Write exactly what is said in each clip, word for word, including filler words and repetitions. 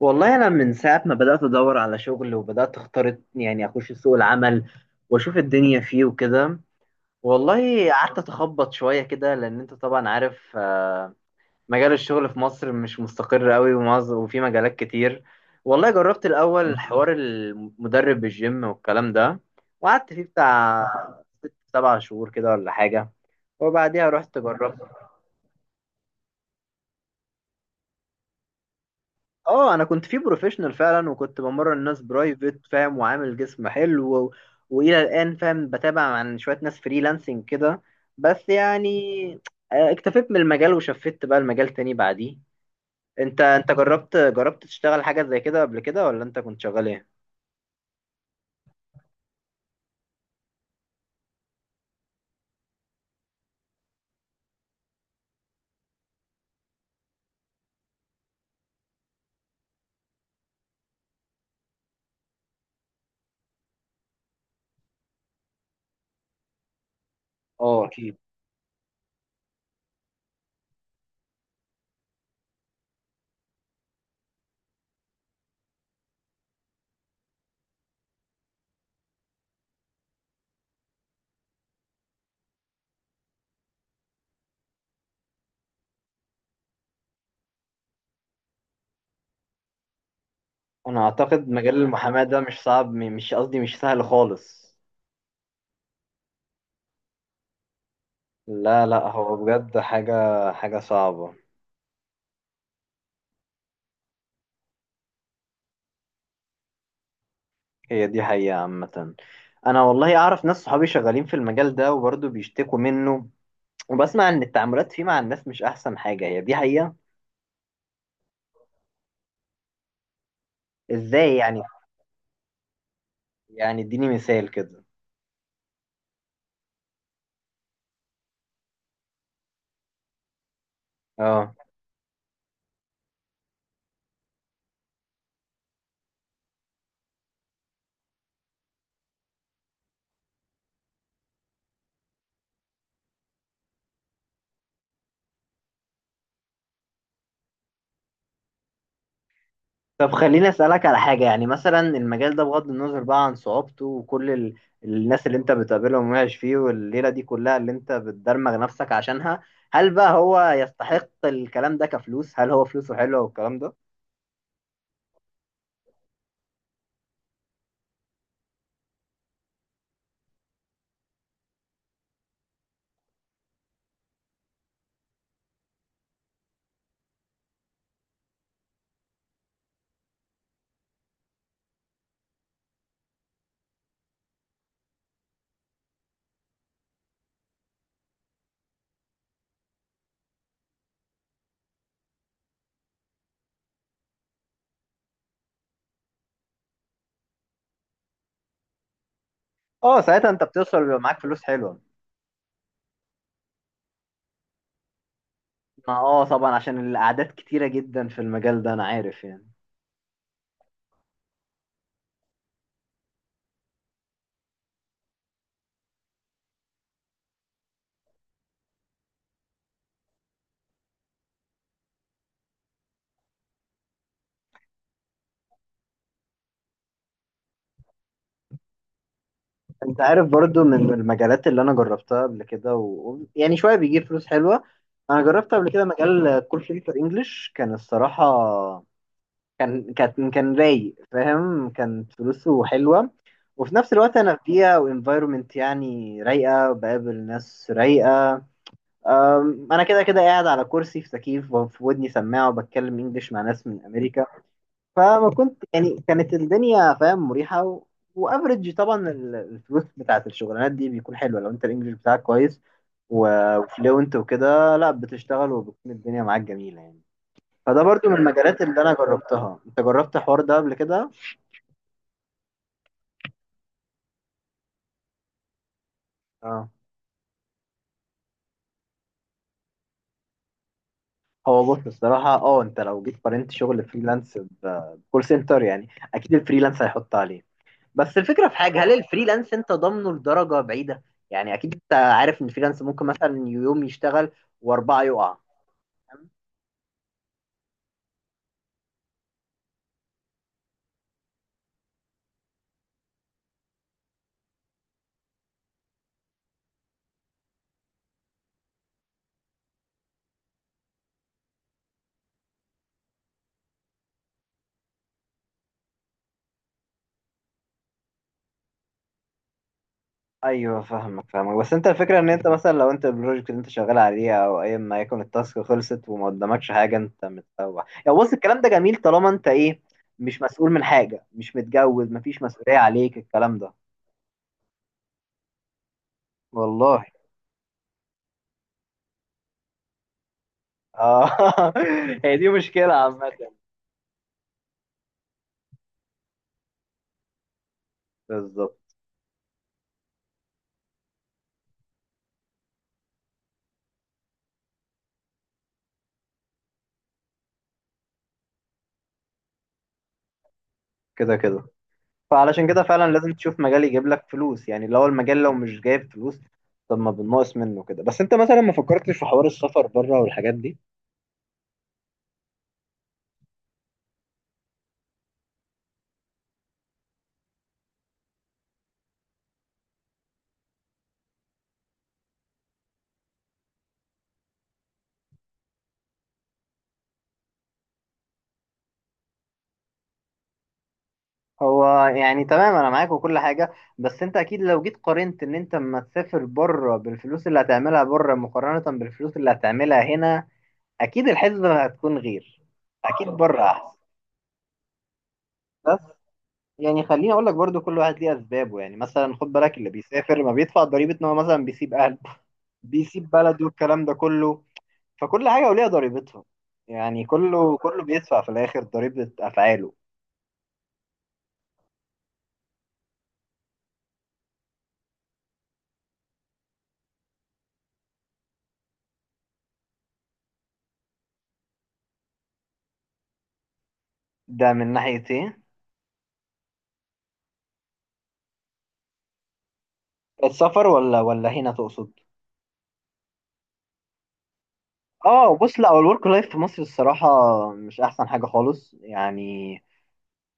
والله انا من ساعه ما بدات ادور على شغل وبدات اختار، يعني اخش سوق العمل واشوف الدنيا فيه وكده. والله قعدت اتخبط شويه كده لان انت طبعا عارف. آه، مجال الشغل في مصر مش مستقر قوي، ومعظ- وفي مجالات كتير. والله جربت الاول حوار المدرب بالجيم والكلام ده، وقعدت فيه بتاع ست سبع شهور كده ولا حاجه، وبعديها رحت جربت. اه انا كنت في بروفيشنال فعلا، وكنت بمرن الناس برايفت، فاهم، وعامل جسم حلو و... والى الان، فاهم، بتابع عن شويه ناس فريلانسنج كده، بس يعني آه، اكتفيت من المجال وشفت بقى المجال تاني بعديه. انت انت جربت جربت تشتغل حاجه زي كده قبل كده، ولا انت كنت شغال ايه؟ اه اكيد. انا اعتقد مجال المحاماه ده مش صعب، م- مش قصدي، مش سهل خالص. لا لا، هو بجد حاجه حاجه صعبه. هي دي حقيقة عامة. أنا والله أعرف ناس صحابي شغالين في المجال ده وبرضه بيشتكوا منه. وبسمع إن التعاملات فيه مع الناس مش أحسن حاجة. هي دي حقيقة. إزاي يعني؟ يعني إديني مثال كده. أه. طب خليني أسألك على حاجة، يعني مثلا المجال ده بغض النظر بقى عن صعوبته وكل ال... الناس اللي أنت بتقابلهم وعايش فيه والليلة دي كلها اللي أنت بتدرمغ نفسك عشانها، هل بقى هو يستحق الكلام ده كفلوس؟ هل هو فلوسه حلوة والكلام ده؟ أه ساعتها أنت بتوصل ويبقى معاك فلوس حلوة. ما اه طبعا، عشان الاعداد كتيرة جدا في المجال ده، انا عارف يعني. انت عارف برضو من المجالات اللي انا جربتها قبل كده و... و- يعني شوية بيجيب فلوس حلوة. انا جربت قبل كده مجال كول سنتر انجلش، كان الصراحة كان كان كان رايق، فاهم، كانت فلوسه حلوة. وفي نفس الوقت انا في بيئة وانفايرومنت يعني رايقة، بقابل ناس رايقة. أم، انا كده كده قاعد على كرسي في تكييف وفي ودني سماعة، وبتكلم انجلش مع ناس من امريكا. فما كنت يعني كانت الدنيا، فاهم، مريحة و... وافرج طبعا ال- الفلوس بتاعت الشغلانات دي بيكون حلوة لو انت الانجليش بتاعك كويس وفلوينت وكده، لا بتشتغل وبتكون الدنيا معاك جميلة يعني. فده برضو من المجالات اللي انا جربتها. انت جربت الحوار ده قبل كده؟ اه. هو بص الصراحة، اه، انت لو جيت قارنت شغل فريلانس ب- بكول سنتر يعني، اكيد الفريلانس هيحط عليه. بس الفكرة في حاجة، هل الفريلانس انت ضامنه لدرجة بعيدة؟ يعني اكيد انت عارف ان الفريلانس ممكن مثلا يوم يشتغل واربعة يقع. ايوه فاهمك فاهمك، بس انت الفكره ان انت مثلا لو انت البروجكت اللي انت شغال عليه او اي ما يكون التاسك خلصت وما قدامكش حاجه، انت متسوح يعني. بص الكلام ده جميل طالما انت ايه، مش مسؤول من حاجه، مش متجوز، مفيش مسؤوليه عليك الكلام ده. والله. اه هي دي مشكله عامه. بالظبط. كده كده. فعلشان كده فعلا لازم تشوف مجال يجيب لك فلوس، يعني لو المجال لو مش جايب فلوس، طب ما بنقص منه كده. بس انت مثلا ما فكرتش في حوار السفر بره والحاجات دي؟ هو يعني تمام، انا معاك وكل حاجه، بس انت اكيد لو جيت قارنت ان انت اما تسافر بره بالفلوس اللي هتعملها بره مقارنه بالفلوس اللي هتعملها هنا، اكيد الحسبه هتكون غير. اكيد بره احسن. بس يعني خليني اقول لك برضو، كل واحد ليه اسبابه. يعني مثلا خد بالك اللي بيسافر ما بيدفع ضريبه ان هو مثلا بيسيب اهله، بيسيب بلده والكلام ده كله. فكل حاجة وليها ضريبتها. يعني كله كله بيدفع في الآخر ضريبة أفعاله. ده من ناحية إيه؟ السفر ولا ولا هنا تقصد؟ آه بص، لا هو الورك لايف في مصر الصراحة مش أحسن حاجة خالص يعني.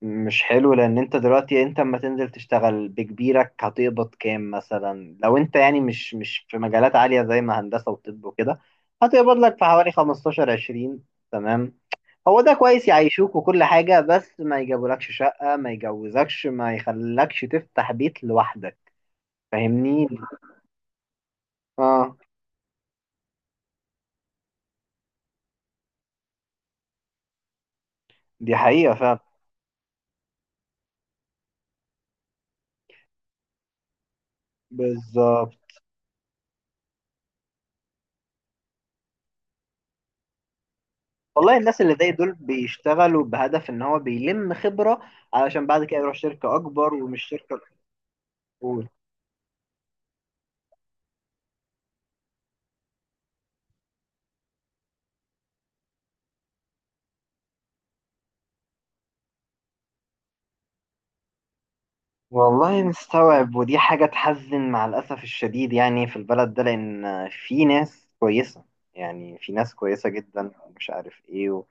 مش حلو لأن أنت دلوقتي، أنت أما تنزل تشتغل بكبيرك هتقبض كام؟ مثلا لو أنت، يعني، مش مش في مجالات عالية زي ما هندسة وطب وكده، هتقبض لك في حوالي خمسة عشر عشرين، تمام. هو ده كويس يعيشوك وكل حاجة، بس ما يجابولكش شقة، ما يجوزكش، ما يخلكش تفتح بيت لوحدك. فاهمني. اه دي حقيقة فعلا. بالظبط. والله الناس اللي زي دول بيشتغلوا بهدف ان هو بيلم خبرة، علشان بعد كده يروح شركة اكبر ومش شركة الاول. والله مستوعب، ودي حاجة تحزن مع الأسف الشديد يعني في البلد ده، لأن في ناس كويسة، يعني في ناس كويسة جدا، مش عارف ايه و-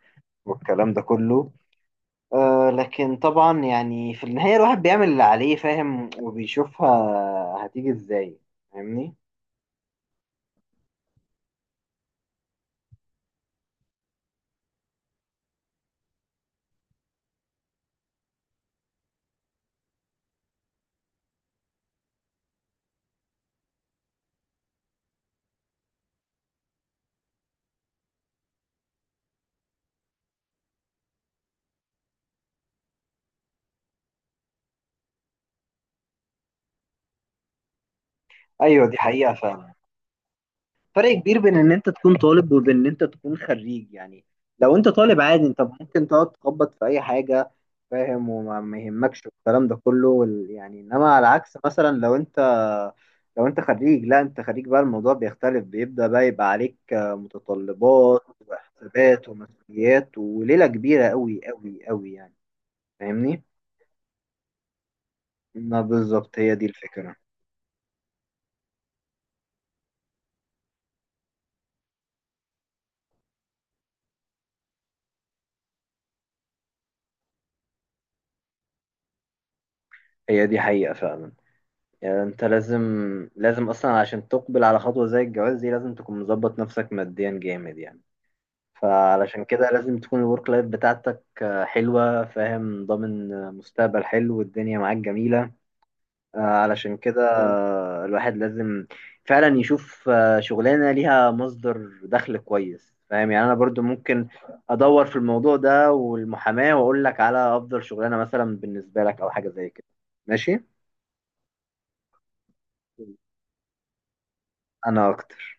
والكلام ده كله. آه لكن طبعا يعني في النهاية الواحد بيعمل اللي عليه، فاهم، وبيشوفها هتيجي ازاي. فاهمني. ايوه دي حقيقة فعلا. فرق كبير بين ان انت تكون طالب وبين ان انت تكون خريج يعني. لو انت طالب عادي انت ممكن تقعد تخبط في اي حاجة، فاهم، وما ما يهمكش الكلام ده كله وال- يعني، انما على عكس مثلا لو انت، لو انت خريج، لا انت خريج بقى الموضوع بيختلف، بيبدأ بقى يبقى عليك آه، متطلبات وحسابات ومسؤوليات وليلة كبيرة قوي قوي قوي يعني. فاهمني؟ ما بالظبط هي دي الفكرة. هي دي حقيقة فعلا. يعني انت لازم، لازم اصلا عشان تقبل على خطوة زي الجواز دي لازم تكون مظبط نفسك ماديا جامد يعني. فعلشان كده لازم تكون الورك لايف بتاعتك آه، حلوة، فاهم، ضامن آه، مستقبل حلو والدنيا معاك جميلة. آه، علشان كده آه، الواحد لازم فعلا يشوف آه، شغلانة ليها مصدر دخل كويس، فاهم. يعني انا برضو ممكن ادور في الموضوع ده والمحاماة واقول لك على افضل شغلانة مثلا بالنسبة لك او حاجة زي كده. ماشي. انا اكتر.